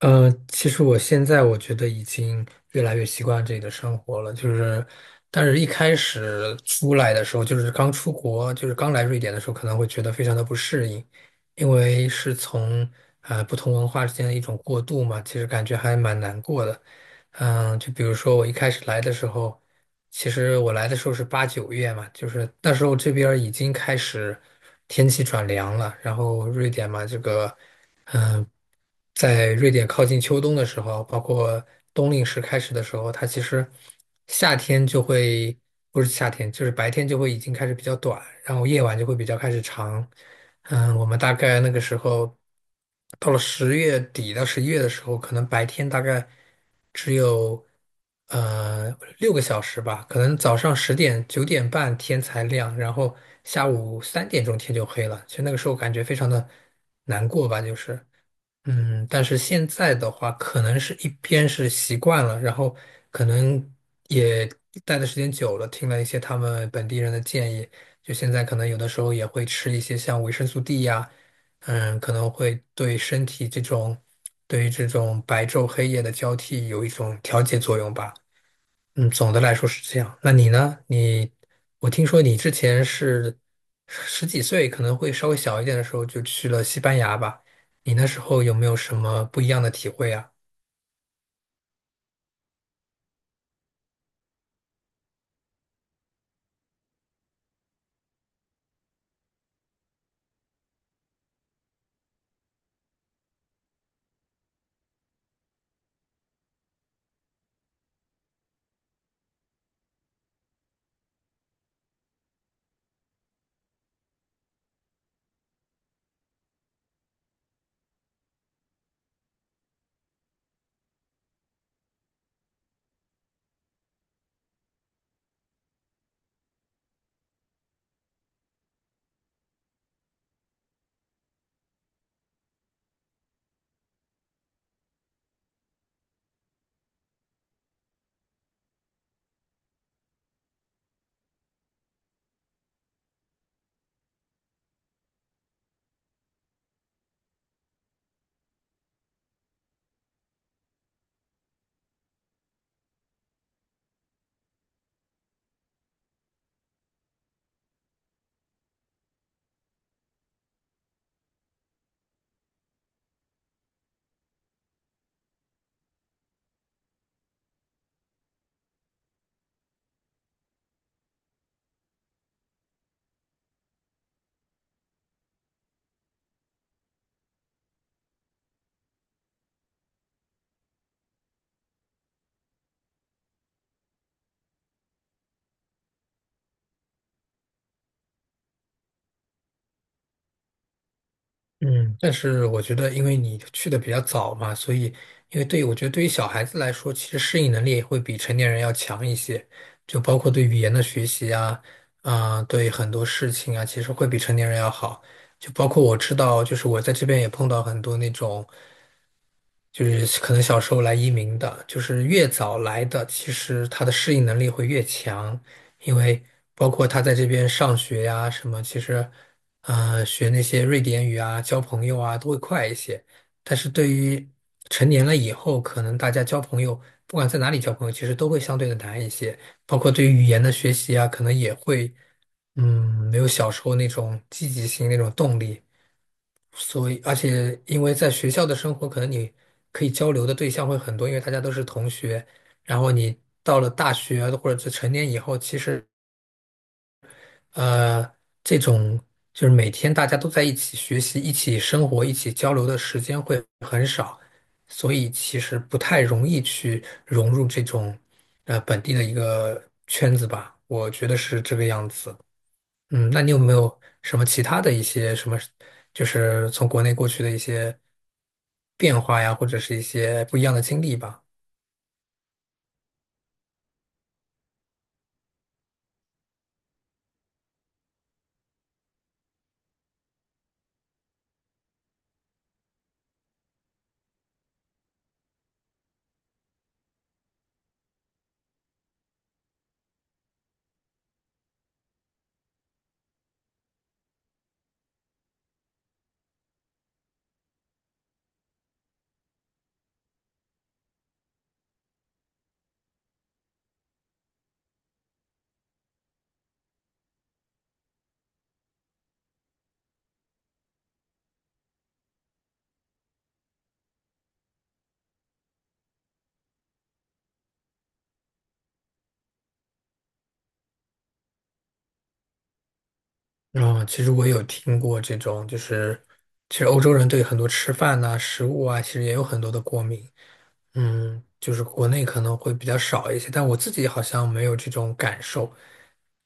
其实我现在我觉得已经越来越习惯这里的生活了，就是，但是一开始出来的时候，就是刚出国，就是刚来瑞典的时候，可能会觉得非常的不适应，因为是从不同文化之间的一种过渡嘛，其实感觉还蛮难过的。就比如说我一开始来的时候，其实我来的时候是八九月嘛，就是那时候这边儿已经开始天气转凉了，然后瑞典嘛，这个。在瑞典靠近秋冬的时候，包括冬令时开始的时候，它其实夏天就会，不是夏天，就是白天就会已经开始比较短，然后夜晚就会比较开始长。我们大概那个时候到了10月底到11月的时候，可能白天大概只有呃6个小时吧，可能早上10点9点半天才亮，然后下午3点钟天就黑了。其实那个时候感觉非常的难过吧，就是。但是现在的话，可能是一边是习惯了，然后可能也待的时间久了，听了一些他们本地人的建议，就现在可能有的时候也会吃一些像维生素 D 呀，可能会对身体这种，对于这种白昼黑夜的交替有一种调节作用吧。总的来说是这样。那你呢？你，我听说你之前是十几岁，可能会稍微小一点的时候就去了西班牙吧？你那时候有没有什么不一样的体会啊？嗯，但是我觉得，因为你去的比较早嘛，所以，因为对于我觉得对于小孩子来说，其实适应能力会比成年人要强一些，就包括对语言的学习啊，对很多事情啊，其实会比成年人要好。就包括我知道，就是我在这边也碰到很多那种。就是可能小时候来移民的，就是越早来的，其实他的适应能力会越强，因为包括他在这边上学呀、什么，其实，学那些瑞典语啊、交朋友啊都会快一些。但是对于成年了以后，可能大家交朋友，不管在哪里交朋友，其实都会相对的难一些，包括对于语言的学习啊，可能也会，没有小时候那种积极性、那种动力。所以，而且因为在学校的生活，可能你可以交流的对象会很多，因为大家都是同学。然后你到了大学或者是成年以后，其实，呃，这种就是每天大家都在一起学习、一起生活、一起交流的时间会很少，所以其实不太容易去融入这种本地的一个圈子吧。我觉得是这个样子。那你有没有什么其他的一些什么，就是从国内过去的一些变化呀，或者是一些不一样的经历吧？嗯，其实我有听过这种，就是其实欧洲人对很多吃饭呐、食物啊，其实也有很多的过敏。就是国内可能会比较少一些，但我自己好像没有这种感受。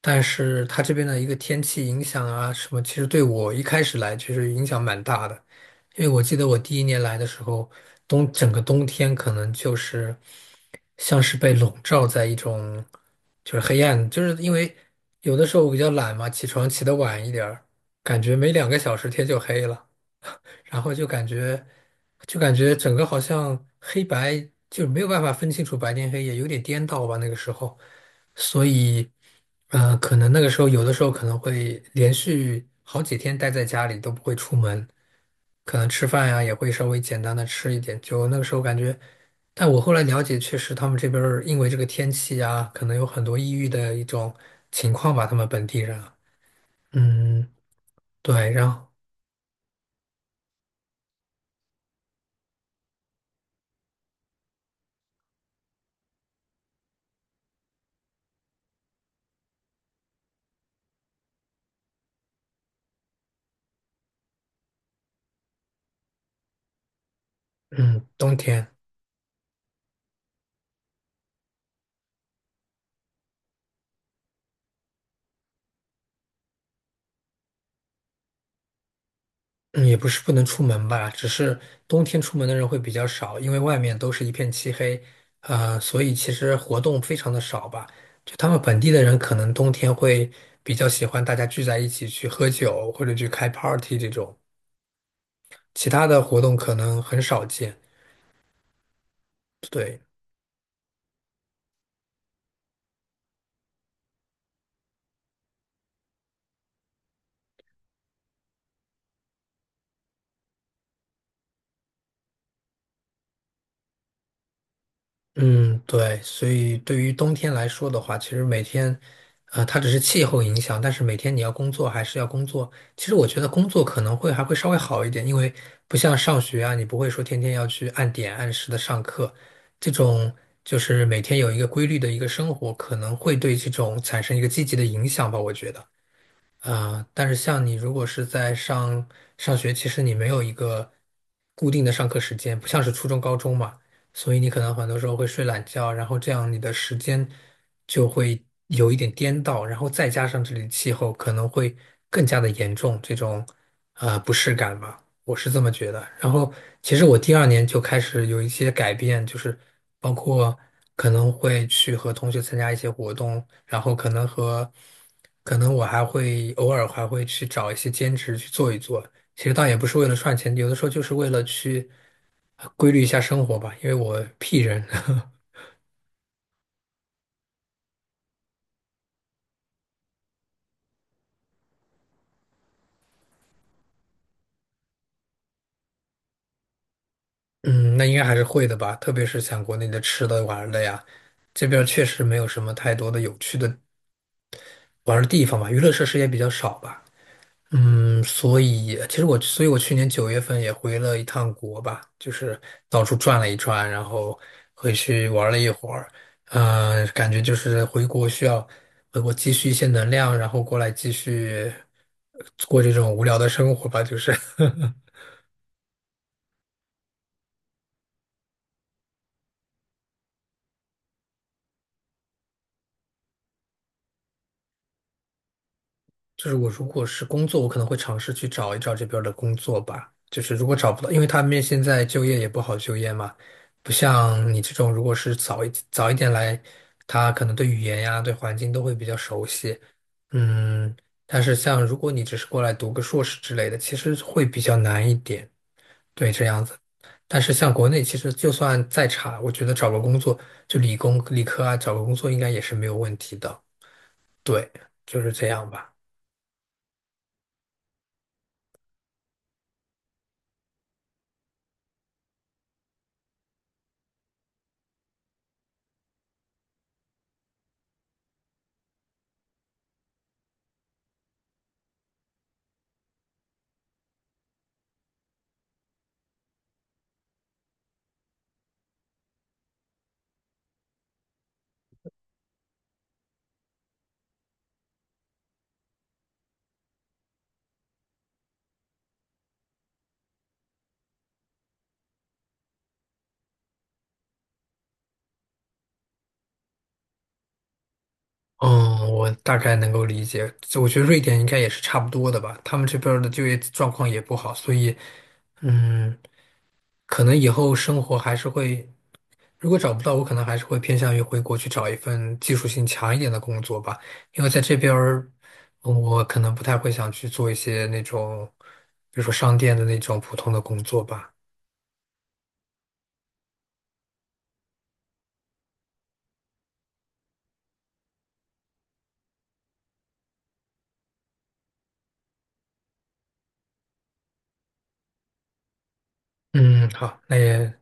但是它这边的一个天气影响啊什么，其实对我一开始来其实影响蛮大的，因为我记得我第一年来的时候，冬整个冬天可能就是像是被笼罩在一种就是黑暗，就是因为有的时候我比较懒嘛，起床起得晚一点儿，感觉没2个小时天就黑了，然后就感觉整个好像黑白就没有办法分清楚白天黑夜，有点颠倒吧那个时候。所以，可能那个时候有的时候可能会连续好几天待在家里都不会出门，可能吃饭呀也会稍微简单的吃一点。就那个时候感觉，但我后来了解，确实他们这边儿因为这个天气呀，可能有很多抑郁的一种情况吧，他们本地人啊嗯，对，然后嗯，冬天。嗯也不是不能出门吧，只是冬天出门的人会比较少，因为外面都是一片漆黑，所以其实活动非常的少吧。就他们本地的人可能冬天会比较喜欢大家聚在一起去喝酒或者去开 party 这种，其他的活动可能很少见。对。嗯，对，所以对于冬天来说的话，其实每天，它只是气候影响，但是每天你要工作还是要工作。其实我觉得工作可能会还会稍微好一点，因为不像上学啊，你不会说天天要去按点按时的上课，这种就是每天有一个规律的一个生活，可能会对这种产生一个积极的影响吧，我觉得。啊，但是像你如果是在上学，其实你没有一个固定的上课时间，不像是初中、高中嘛，所以你可能很多时候会睡懒觉，然后这样你的时间就会有一点颠倒，然后再加上这里的气候可能会更加的严重这种不适感吧。我是这么觉得。然后，其实我第二年就开始有一些改变，就是包括可能会去和同学参加一些活动，然后可能我偶尔还会去找一些兼职去做一做。其实倒也不是为了赚钱，有的时候就是为了去规律一下生活吧，因为我 P 人。嗯，那应该还是会的吧，特别是像国内的吃的玩儿的呀，这边儿确实没有什么太多的有趣的玩儿的地方吧，娱乐设施也比较少吧。所以其实我，所以我去年9月份也回了一趟国吧，就是到处转了一转，然后回去玩了一会儿，感觉就是回国需要回国积蓄一些能量，然后过来继续呃过这种无聊的生活吧，就是。就是我如果是工作，我可能会尝试去找一找这边儿的工作吧。就是如果找不到，因为他们现在就业也不好就业嘛，不像你这种，如果是早一点来，他可能对语言呀、对环境都会比较熟悉。嗯，但是像如果你只是过来读个硕士之类的，其实会比较难一点。对，这样子。但是像国内，其实就算再差，我觉得找个工作，就理工、理科啊，找个工作应该也是没有问题的。对，就是这样吧。嗯，我大概能够理解。这我觉得瑞典应该也是差不多的吧，他们这边儿的就业状况也不好，所以，嗯，可能以后生活还是会，如果找不到，我可能还是会偏向于回国去找一份技术性强一点的工作吧，因为在这边儿我可能不太会想去做一些那种，比如说商店的那种普通的工作吧。嗯，好，那也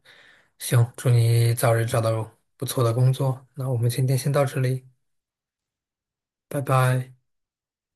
行，祝你早日找到不错的工作。那我们今天先到这里，拜拜。